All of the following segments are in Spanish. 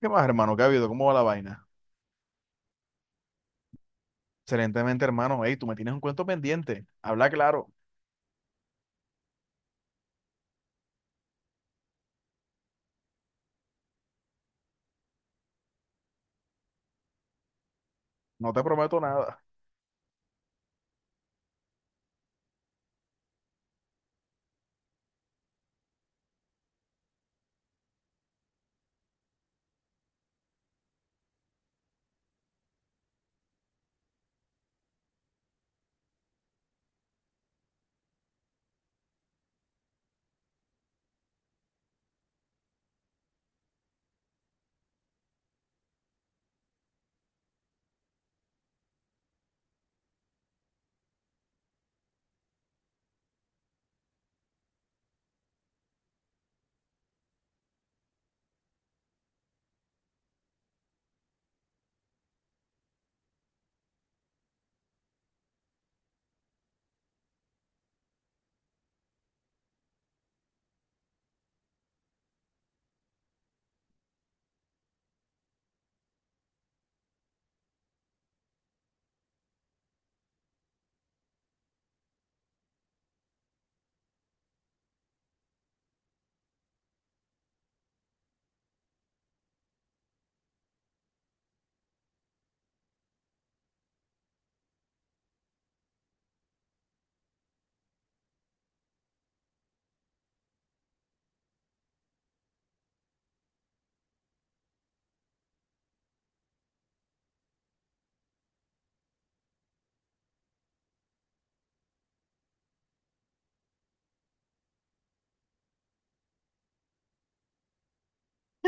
¿Qué más, hermano? ¿Qué ha habido? ¿Cómo va la vaina? Excelentemente, hermano. Ey, tú me tienes un cuento pendiente. Habla claro. No te prometo nada.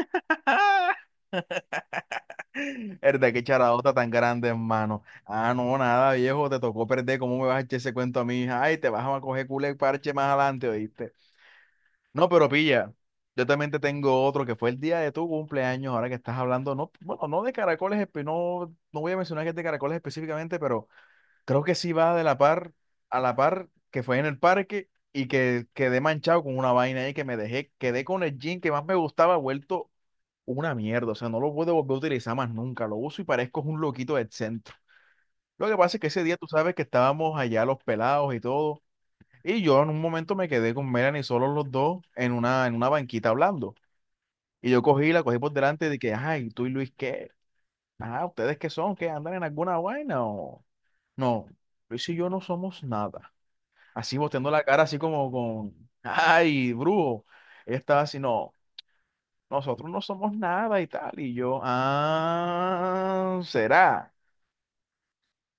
Verdad, qué charadota tan grande, hermano. Ah, no, nada, viejo. Te tocó perder. ¿Cómo me vas a echar ese cuento a mí? Ay, te vas a coger culo y parche más adelante, ¿oíste? No, pero pilla. Yo también te tengo otro que fue el día de tu cumpleaños. Ahora que estás hablando, no, bueno, no de caracoles, no, no voy a mencionar que es de caracoles específicamente, pero. Creo que sí va de la par a la par que fue en el parque y que quedé manchado con una vaina ahí que me dejé, quedé con el jean que más me gustaba vuelto una mierda. O sea, no lo puedo volver a utilizar más nunca. Lo uso y parezco un loquito del centro. Lo que pasa es que ese día tú sabes que estábamos allá los pelados y todo. Y yo en un momento me quedé con Melanie solos los dos en en una banquita hablando. Y yo cogí, la cogí por delante de que, ay, tú y Luis, ¿qué? Ah, ¿ustedes qué son? ¿Qué andan en alguna vaina o no? Luis y yo no somos nada. Así boteando la cara, así como con, ay, brujo. Ella estaba así, no, nosotros no somos nada y tal. Y yo, ah, será.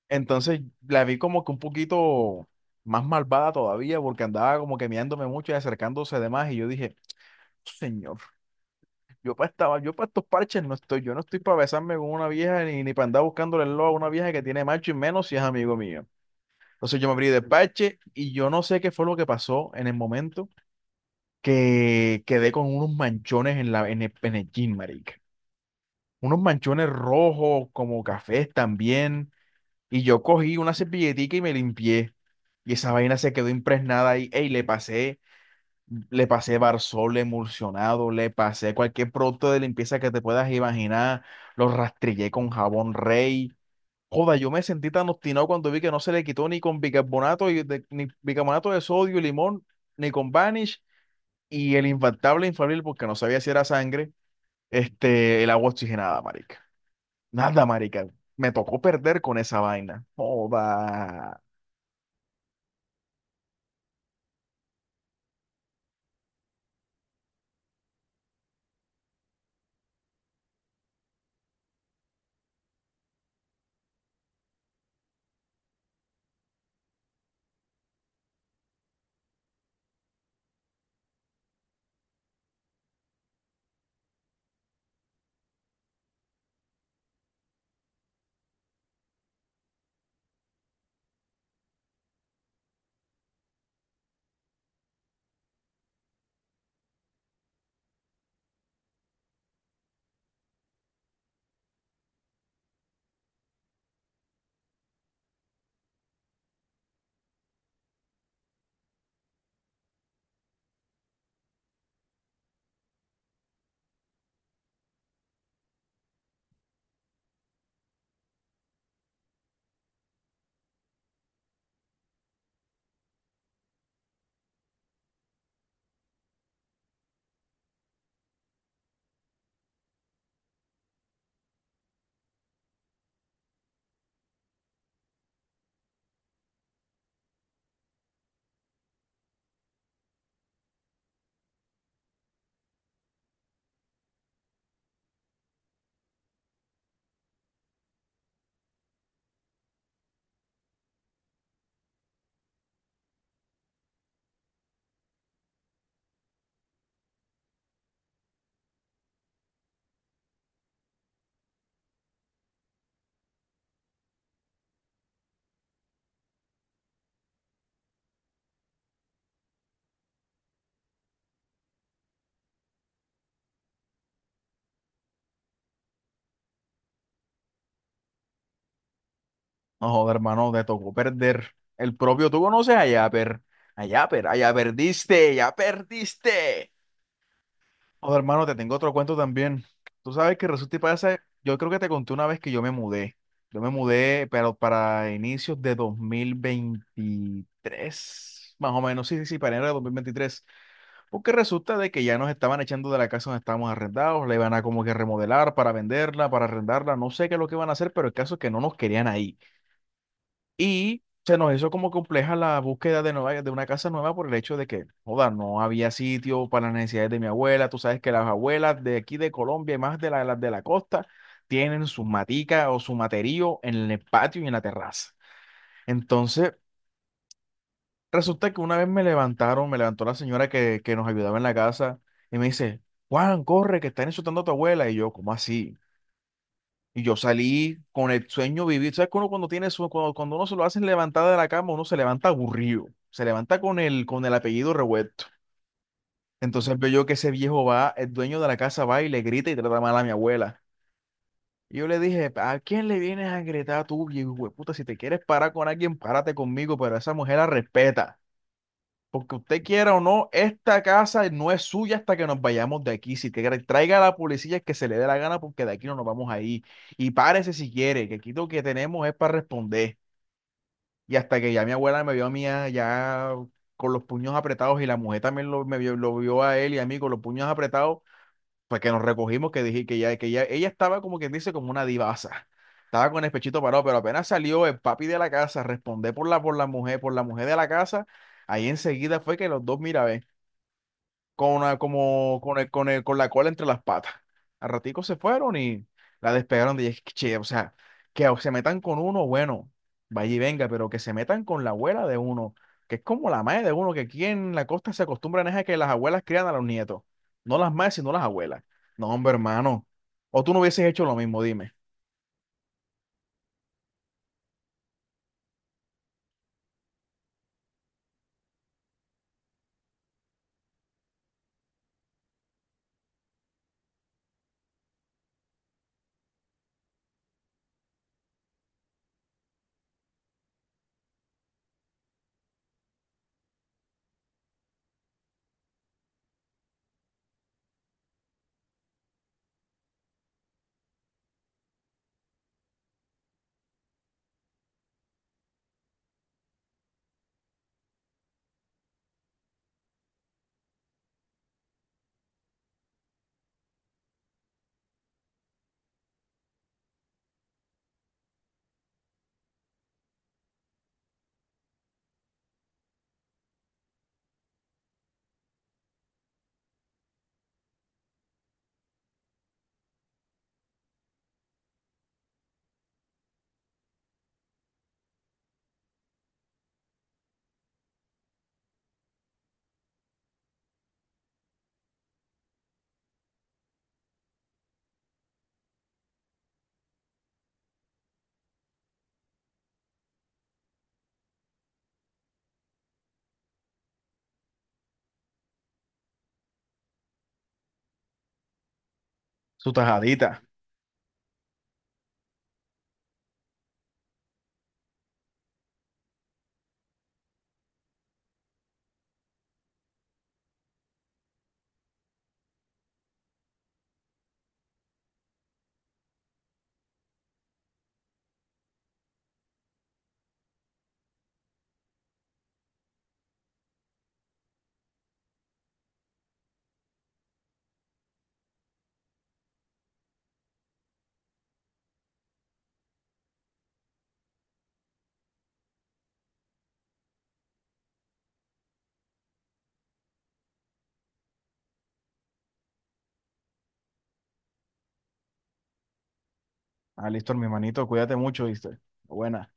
Entonces la vi como que un poquito más malvada todavía, porque andaba como que mirándome mucho y acercándose de más. Y yo dije, señor, yo para estaba, yo para estos parches no estoy, yo no estoy para besarme con una vieja ni, ni para andar buscándole el lobo a una vieja que tiene macho y menos si es amigo mío. Entonces yo me abrí de parche y yo no sé qué fue lo que pasó en el momento que quedé con unos manchones en el jean, marica. Unos manchones rojos, como cafés también. Y yo cogí una servilletica y me limpié. Y esa vaina se quedó impregnada ahí. Ey, le pasé Barsol emulsionado, le pasé cualquier producto de limpieza que te puedas imaginar. Lo rastrillé con jabón Rey. Joda, yo me sentí tan obstinado cuando vi que no se le quitó ni con bicarbonato, ni bicarbonato de sodio, y limón, ni con Vanish y el infaltable infalible, porque no sabía si era sangre, el agua oxigenada, marica. Nada, marica. Me tocó perder con esa vaina. Joda. No joda, hermano, te tocó perder. El propio, tú conoces a Yapper. A Yapper, a ya perdiste, ya perdiste. Joda, hermano, te tengo otro cuento también. Tú sabes que resulta y pasa, yo creo que te conté una vez que yo me mudé. Yo me mudé, pero para inicios de 2023 más o menos, sí, sí, sí, para enero de 2023. Porque resulta de que ya nos estaban echando de la casa donde estábamos arrendados, la iban a como que remodelar para venderla, para arrendarla, no sé qué es lo que van a hacer, pero el caso es que no nos querían ahí. Y se nos hizo como compleja la búsqueda de, nueva, de una casa nueva por el hecho de que, joda, no había sitio para las necesidades de mi abuela. Tú sabes que las abuelas de aquí de Colombia y más de las de la costa tienen sus maticas o su materío en el patio y en la terraza. Entonces, resulta que una vez me levantaron, me levantó la señora que nos ayudaba en la casa y me dice, Juan, corre, que están insultando a tu abuela. Y yo, ¿cómo así? Y yo salí con el sueño vivido. ¿Sabes que uno cuando tiene cuando, cuando uno se lo hacen levantar de la cama, uno se levanta aburrido, se levanta con el apellido revuelto. Entonces veo yo que ese viejo va, el dueño de la casa va y le grita y trata mal a mi abuela. Y yo le dije, ¿a quién le vienes a gritar tú, viejo puta? Si te quieres parar con alguien, párate conmigo, pero esa mujer la respeta. Porque usted quiera o no, esta casa no es suya hasta que nos vayamos de aquí. Si quiere, traiga a la policía que se le dé la gana porque de aquí no nos vamos a ir. Y párese si quiere, que aquí lo que tenemos es para responder. Y hasta que ya mi abuela me vio a mí ya con los puños apretados y la mujer también me vio, lo vio a él y a mí con los puños apretados, pues que nos recogimos, que dije ella estaba como quien dice, como una divasa. Estaba con el pechito parado, pero apenas salió el papi de la casa, respondé por por la mujer de la casa, ahí enseguida fue que los dos, mira, ve con una- como con el- con el- con la cola entre las patas. Al ratico se fueron y la despegaron de che, o sea, que se metan con uno, bueno, vaya y venga, pero que se metan con la abuela de uno, que es como la madre de uno, que aquí en la costa se acostumbran es a que las abuelas crían a los nietos, no las madres, sino las abuelas. No, hombre, hermano, o tú no hubieses hecho lo mismo, dime, su tajadita. Ah, listo, mi hermanito, cuídate mucho, ¿viste? Buena.